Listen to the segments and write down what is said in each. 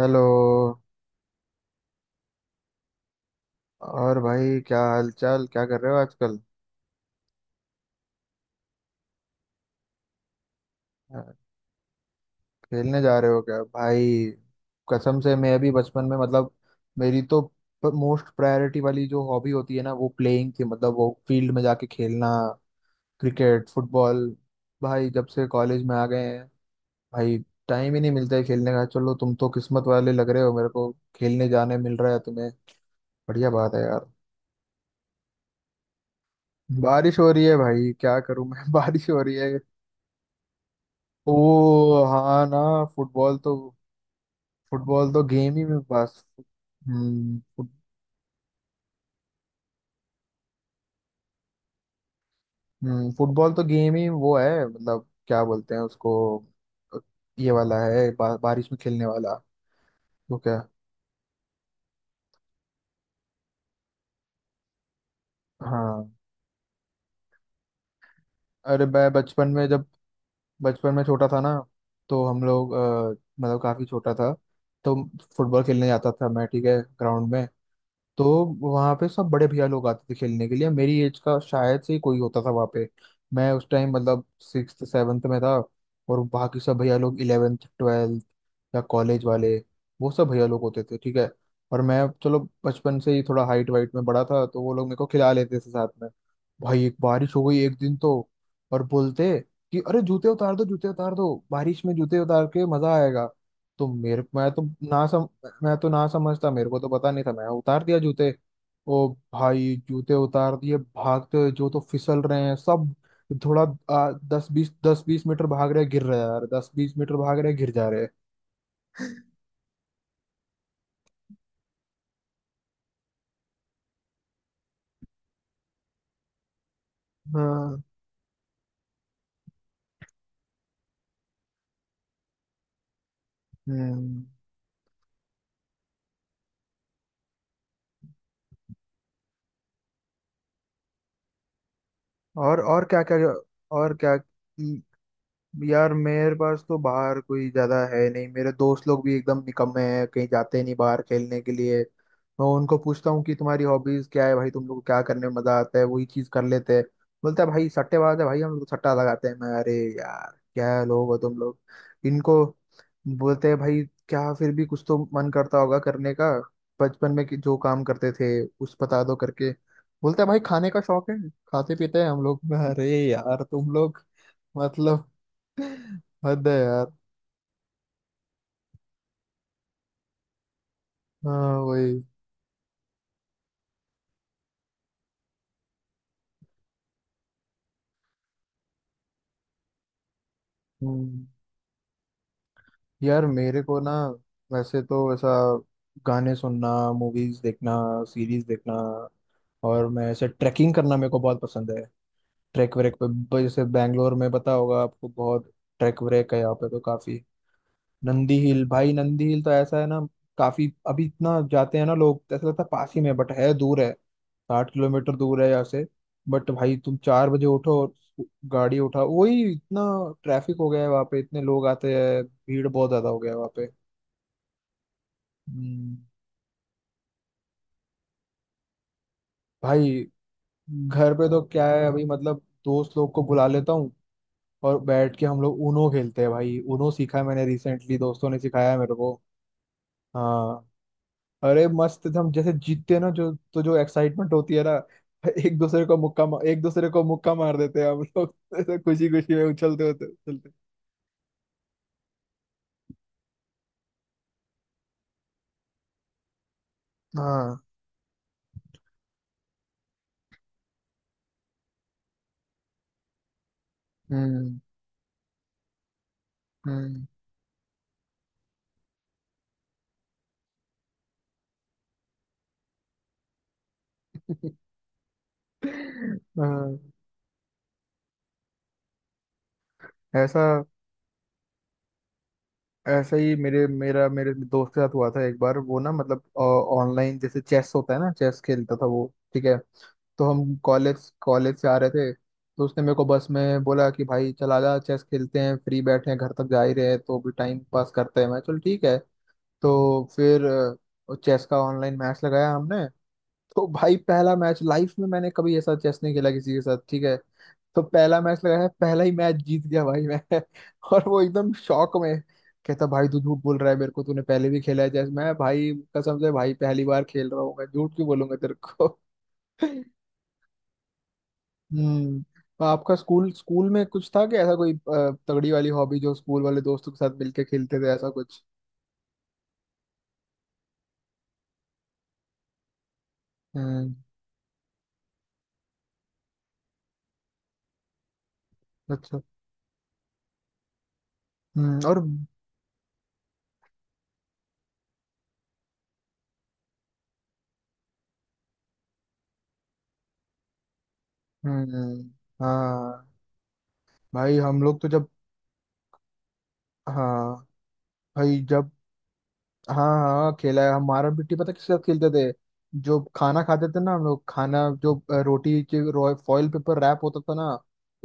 Hello. और भाई क्या हालचाल, क्या कर रहे हो आजकल? अ, खेलने जा रहे हो क्या भाई? कसम से मैं भी बचपन में, मतलब, मेरी तो मोस्ट प्रायोरिटी वाली जो हॉबी होती है ना, वो प्लेइंग थी। मतलब, वो फील्ड में जाके खेलना, क्रिकेट फुटबॉल। भाई जब से कॉलेज में आ गए हैं भाई, टाइम ही नहीं मिलता है खेलने का। चलो, तुम तो किस्मत वाले लग रहे हो, मेरे को खेलने जाने मिल रहा है तुम्हें। बढ़िया बात है यार। बारिश हो रही है भाई, क्या करूं मैं। बारिश हो रही है। ओ हाँ ना। फुटबॉल तो फुटबॉल तो गेम ही में बस। हम्म। फुटबॉल तो गेम ही वो है, मतलब क्या बोलते हैं उसको। ये वाला है, बारिश में खेलने वाला। तो क्या। हाँ। अरे मैं बचपन में जब बचपन में छोटा था ना। तो हम लोग, मतलब, काफी छोटा था। तो फुटबॉल खेलने जाता था मैं, ठीक है, ग्राउंड में। तो वहां पे सब बड़े भैया लोग आते थे खेलने के लिए, मेरी एज का शायद से ही कोई होता था वहां पे। मैं उस टाइम, मतलब, सिक्स सेवन्थ में था। और बाकी सब भैया लोग इलेवेंथ ट्वेल्थ, या कॉलेज वाले, वो सब भैया लोग होते थे, ठीक है। और मैं, चलो, बचपन से ही थोड़ा हाइट वाइट में बड़ा था, तो वो लोग मेरे को खिला लेते थे साथ में। भाई एक बारिश हो गई एक दिन तो, और बोलते कि अरे जूते उतार दो, जूते उतार दो, बारिश में जूते उतार के मजा आएगा। तो मेरे मैं तो ना सम मैं तो ना समझता, मेरे को तो पता नहीं था, मैं उतार दिया जूते। ओ भाई, जूते उतार दिए, भागते हुए जो तो फिसल रहे हैं सब। थोड़ा दस बीस, दस बीस मीटर भाग रहे हैं, गिर रहे हैं यार, 10-20 मीटर भाग रहे हैं, गिर जा रहे हैं। हाँ। हम्म। और क्या क्या? और क्या। यार मेरे पास तो बाहर कोई ज्यादा है नहीं, मेरे दोस्त लोग भी एकदम निकम्मे हैं, कहीं जाते नहीं बाहर खेलने के लिए। मैं उनको पूछता हूँ कि तुम्हारी हॉबीज क्या है भाई, तुम लोग को क्या करने में मजा आता है, वही चीज कर लेते हैं। बोलता है भाई सट्टेबाज है, भाई हम लोग तो सट्टा लगाते हैं। मैं अरे यार क्या लोग हो तुम लोग। इनको बोलते हैं भाई क्या, फिर भी कुछ तो मन करता होगा करने का, बचपन में कि जो काम करते थे उस बता दो करके। बोलता है भाई खाने का शौक है, खाते पीते हैं हम लोग। अरे यार तुम लोग, मतलब हद है यार। हाँ वही। हम्म, यार मेरे को ना, वैसे तो ऐसा, गाने सुनना, मूवीज देखना, सीरीज देखना, और मैं ऐसे ट्रैकिंग करना मेरे को बहुत पसंद है। ट्रैक व्रैक पे जैसे बैंगलोर में पता होगा आपको, बहुत ट्रैक व्रैक है यहाँ पे तो काफी। नंदी हिल भाई, नंदी हिल तो ऐसा है ना, काफी अभी इतना जाते हैं ना लोग, तो ऐसा लगता है पास ही में, बट है दूर है। 60 किलोमीटर दूर है यहाँ से। बट भाई तुम 4 बजे उठो और गाड़ी उठाओ, वही इतना ट्रैफिक हो गया है वहाँ पे, इतने लोग आते हैं, भीड़ बहुत ज्यादा हो गया है वहाँ पे। हम्म, भाई घर पे तो क्या है अभी, मतलब दोस्त लोग को बुला लेता हूँ, और बैठ के हम लोग ऊनो खेलते हैं। भाई ऊनो सीखा है मैंने रिसेंटली, दोस्तों ने सिखाया है मेरे को। हाँ। अरे मस्त थे हम, जैसे जीतते हैं ना जो, तो जो एक्साइटमेंट होती है ना, एक दूसरे को मुक्का मार देते हैं हम लोग। ऐसे खुशी खुशी में उछलते होते उछलते। हाँ। हम्म। हम्म। हाँ, ऐसा ऐसा ही मेरे दोस्त के साथ हुआ था एक बार वो ना, मतलब, ऑनलाइन जैसे चेस होता है ना, चेस खेलता था वो, ठीक है। तो हम कॉलेज कॉलेज से आ रहे थे, तो उसने मेरे को बस में बोला कि भाई चला जा चेस खेलते हैं, फ्री बैठे हैं, घर तक जा ही रहे हैं तो भी टाइम पास करते हैं। मैं, चल ठीक है। तो फिर चेस का ऑनलाइन मैच लगाया हमने। तो भाई पहला मैच, लाइफ में मैंने कभी ऐसा चेस नहीं खेला किसी के साथ, ठीक है। तो पहला मैच लगाया, पहला ही मैच जीत गया भाई मैं। और वो एकदम शॉक में, कहता भाई तू झूठ बोल रहा है, मेरे को तूने पहले भी खेला है जैसे। मैं, भाई कसम से भाई पहली बार खेल रहा हूँ, मैं झूठ क्यों बोलूंगा तेरे को। हम्म। तो आपका स्कूल स्कूल में कुछ था कि ऐसा कोई, तगड़ी वाली हॉबी, जो स्कूल वाले दोस्तों के साथ मिलके खेलते थे ऐसा कुछ? हम्म। अच्छा। हम्म। और। हम्म। हाँ भाई हम लोग तो जब, हाँ भाई जब, हाँ हाँ खेला है। हमारा पिट्टी पता किसके साथ खेलते थे? जो खाना खाते थे ना हम लोग, खाना जो रोटी के फॉइल पेपर रैप होता था ना,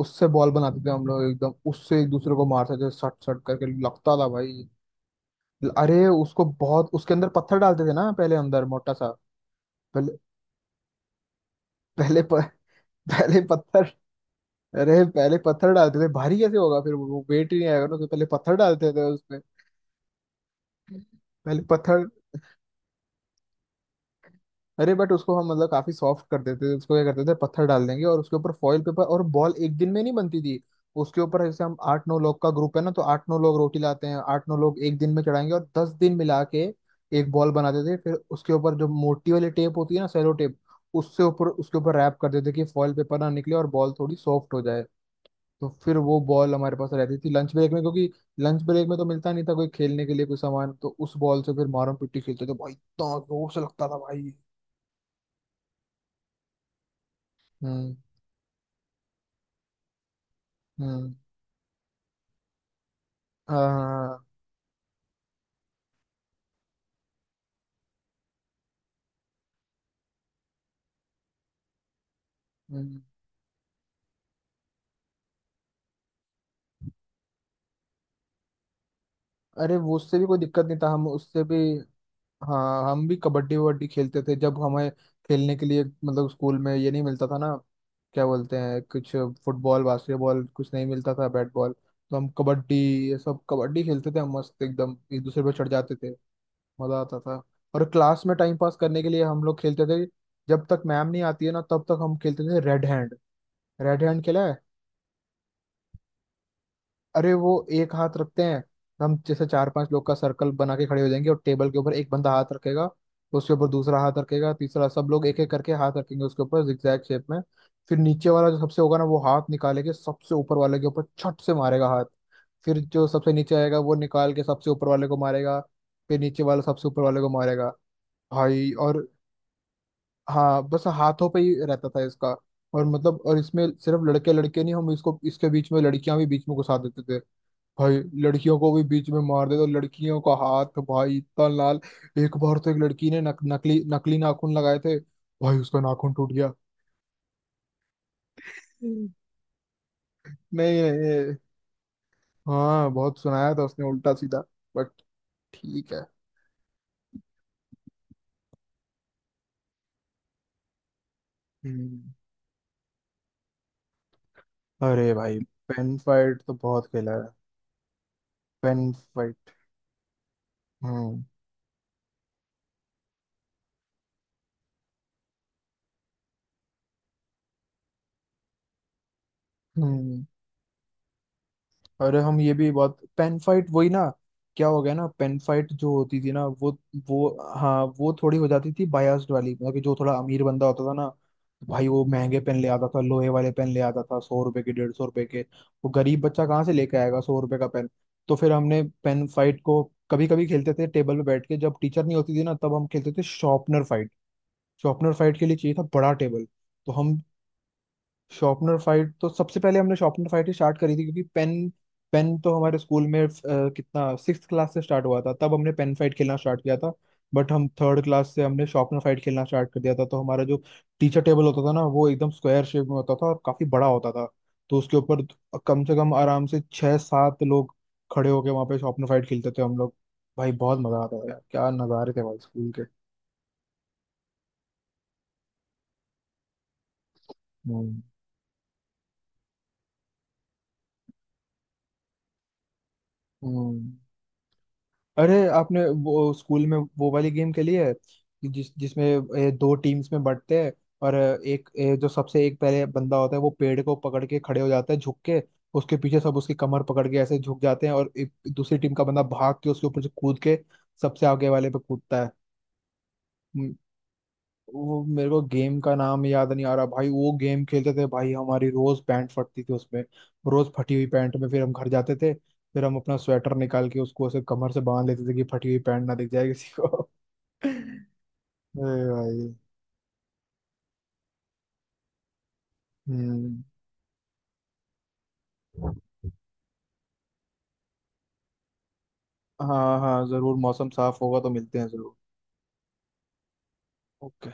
उससे बॉल बनाते थे हम लोग, एकदम उससे एक दूसरे को मारते थे सट सट करके, लगता था भाई। अरे उसको बहुत, उसके अंदर पत्थर डालते थे ना पहले, अंदर मोटा सा। पहले पहले प, पहले पत्थर। अरे पहले पत्थर डालते थे, भारी कैसे होगा फिर, वो वेट ही नहीं आएगा ना, तो पहले पत्थर डालते थे उसमें। पहले पत्थर, अरे बट उसको हम मतलब काफी सॉफ्ट कर देते थे उसको, क्या करते थे, पत्थर डाल देंगे और उसके ऊपर फॉइल पेपर, और बॉल एक दिन में नहीं बनती थी। उसके ऊपर जैसे हम आठ नौ लोग का ग्रुप है ना, तो आठ नौ लोग रोटी लाते हैं, आठ नौ लोग एक दिन में चढ़ाएंगे, और 10 दिन मिला के एक बॉल बनाते थे। फिर उसके ऊपर जो मोटी वाली टेप होती है ना, सेलो टेप, उससे ऊपर, उसके ऊपर रैप कर देते कि फॉइल पेपर ना निकले और बॉल थोड़ी सॉफ्ट हो जाए। तो फिर वो बॉल हमारे पास रहती थी लंच ब्रेक में, क्योंकि लंच ब्रेक में तो मिलता नहीं था कोई खेलने के लिए कोई सामान, तो उस बॉल से फिर मारम पिट्टी खेलते थे भाई, इतना जोर से लगता था भाई। हम्म। हम्म। हाँ हाँ। हम्म। अरे वो उससे भी कोई दिक्कत नहीं था, हम उससे भी। हाँ, हम भी कबड्डी वबड्डी खेलते थे, जब हमें खेलने के लिए मतलब स्कूल में ये नहीं मिलता था ना, क्या बोलते हैं कुछ, फुटबॉल बास्केटबॉल कुछ नहीं मिलता था, बैट बॉल। तो हम कबड्डी ये सब कबड्डी खेलते थे हम, मस्त एकदम एक दूसरे पर चढ़ जाते थे, मजा आता था। और क्लास में टाइम पास करने के लिए हम लोग खेलते थे, जब तक मैम नहीं आती है ना तब तक हम खेलते थे रेड हैंड। रेड हैंड खेला है? अरे वो, एक हाथ रखते हैं, हम जैसे चार पांच लोग का सर्कल बना के खड़े हो जाएंगे और टेबल के ऊपर एक बंदा हाथ रखेगा, उसके ऊपर दूसरा हाथ रखेगा, तीसरा, सब लोग एक एक करके हाथ रखेंगे उसके ऊपर, जिगजैग शेप में। फिर नीचे वाला जो सबसे होगा ना, वो हाथ निकाले के सबसे ऊपर वाले के ऊपर छट से मारेगा हाथ। फिर जो सबसे नीचे आएगा, वो निकाल के सबसे ऊपर वाले को मारेगा। फिर नीचे वाला सबसे ऊपर वाले को मारेगा भाई, और हाँ बस हाथों पे ही रहता था इसका। और मतलब और इसमें सिर्फ लड़के लड़के नहीं, हम इसको, इसके बीच में लड़कियां भी बीच में घुसा देते थे भाई। लड़कियों को भी बीच में मार दे तो लड़कियों का हाथ भाई इतना लाल। एक बार तो एक लड़की ने नकली नकली नाखून लगाए थे, भाई उसका नाखून टूट गया। हम्म। नहीं नहीं। नहीं, हाँ बहुत सुनाया था उसने उल्टा सीधा, बट ठीक है। हम्म। अरे भाई पेन फाइट तो बहुत खेला है। Pen fight. हम्म। हम्म। अरे हम ये भी बात पेन फाइट वही ना, क्या हो गया ना, पेन फाइट जो होती थी ना वो, हाँ वो थोड़ी हो जाती थी बायास्ड वाली, मतलब कि जो थोड़ा अमीर बंदा होता था ना, भाई वो महंगे पेन ले आता था, लोहे वाले पेन ले आता था, 100 रुपए के, 150 रुपए के। वो गरीब बच्चा कहाँ से लेके आएगा 100 रुपए का पेन। तो फिर हमने पेन फाइट को कभी कभी खेलते थे टेबल पे बैठ के, जब टीचर नहीं होती थी ना तब हम खेलते थे शॉर्पनर फाइट। शॉर्पनर फाइट के लिए चाहिए था बड़ा टेबल। तो हम, शॉर्पनर फाइट तो सबसे पहले हमने शॉर्पनर फाइट ही स्टार्ट करी थी, क्योंकि पेन पेन तो हमारे स्कूल में, कितना, सिक्स क्लास से स्टार्ट हुआ था, तब हमने पेन फाइट खेलना स्टार्ट किया था। बट हम थर्ड क्लास से हमने शॉर्पनर फाइट खेलना स्टार्ट कर दिया था। तो हमारा जो टीचर टेबल होता था ना, वो एकदम स्क्वायर शेप में होता था और काफी बड़ा होता था। तो उसके ऊपर कम से कम आराम से छह सात लोग खड़े होके वहां पे शॉर्पनर फाइट खेलते थे हम लोग। भाई बहुत मजा आता था यार, क्या नजारे थे भाई स्कूल के। हम्म। हम्म। अरे आपने वो स्कूल में वो वाली गेम खेली है कि जिसमें, दो टीम्स में बंटते हैं, और एक जो सबसे एक पहले बंदा होता है वो पेड़ को पकड़ के खड़े हो जाता है झुक के, उसके पीछे सब उसकी कमर पकड़ के ऐसे झुक जाते हैं, और एक दूसरी टीम का बंदा भाग के उसके ऊपर से कूद के सबसे आगे वाले पे कूदता है। वो, मेरे को गेम का नाम याद नहीं आ रहा भाई, वो गेम खेलते थे भाई, हमारी रोज पैंट फटती थी उसमें। रोज फटी हुई पैंट में फिर हम घर जाते थे, फिर हम अपना स्वेटर निकाल के उसको ऐसे कमर से बांध लेते थे कि फटी हुई पैंट ना दिख जाए किसी को। अरे भाई। हम्म। हाँ हाँ जरूर, मौसम साफ होगा तो मिलते हैं जरूर। ओके।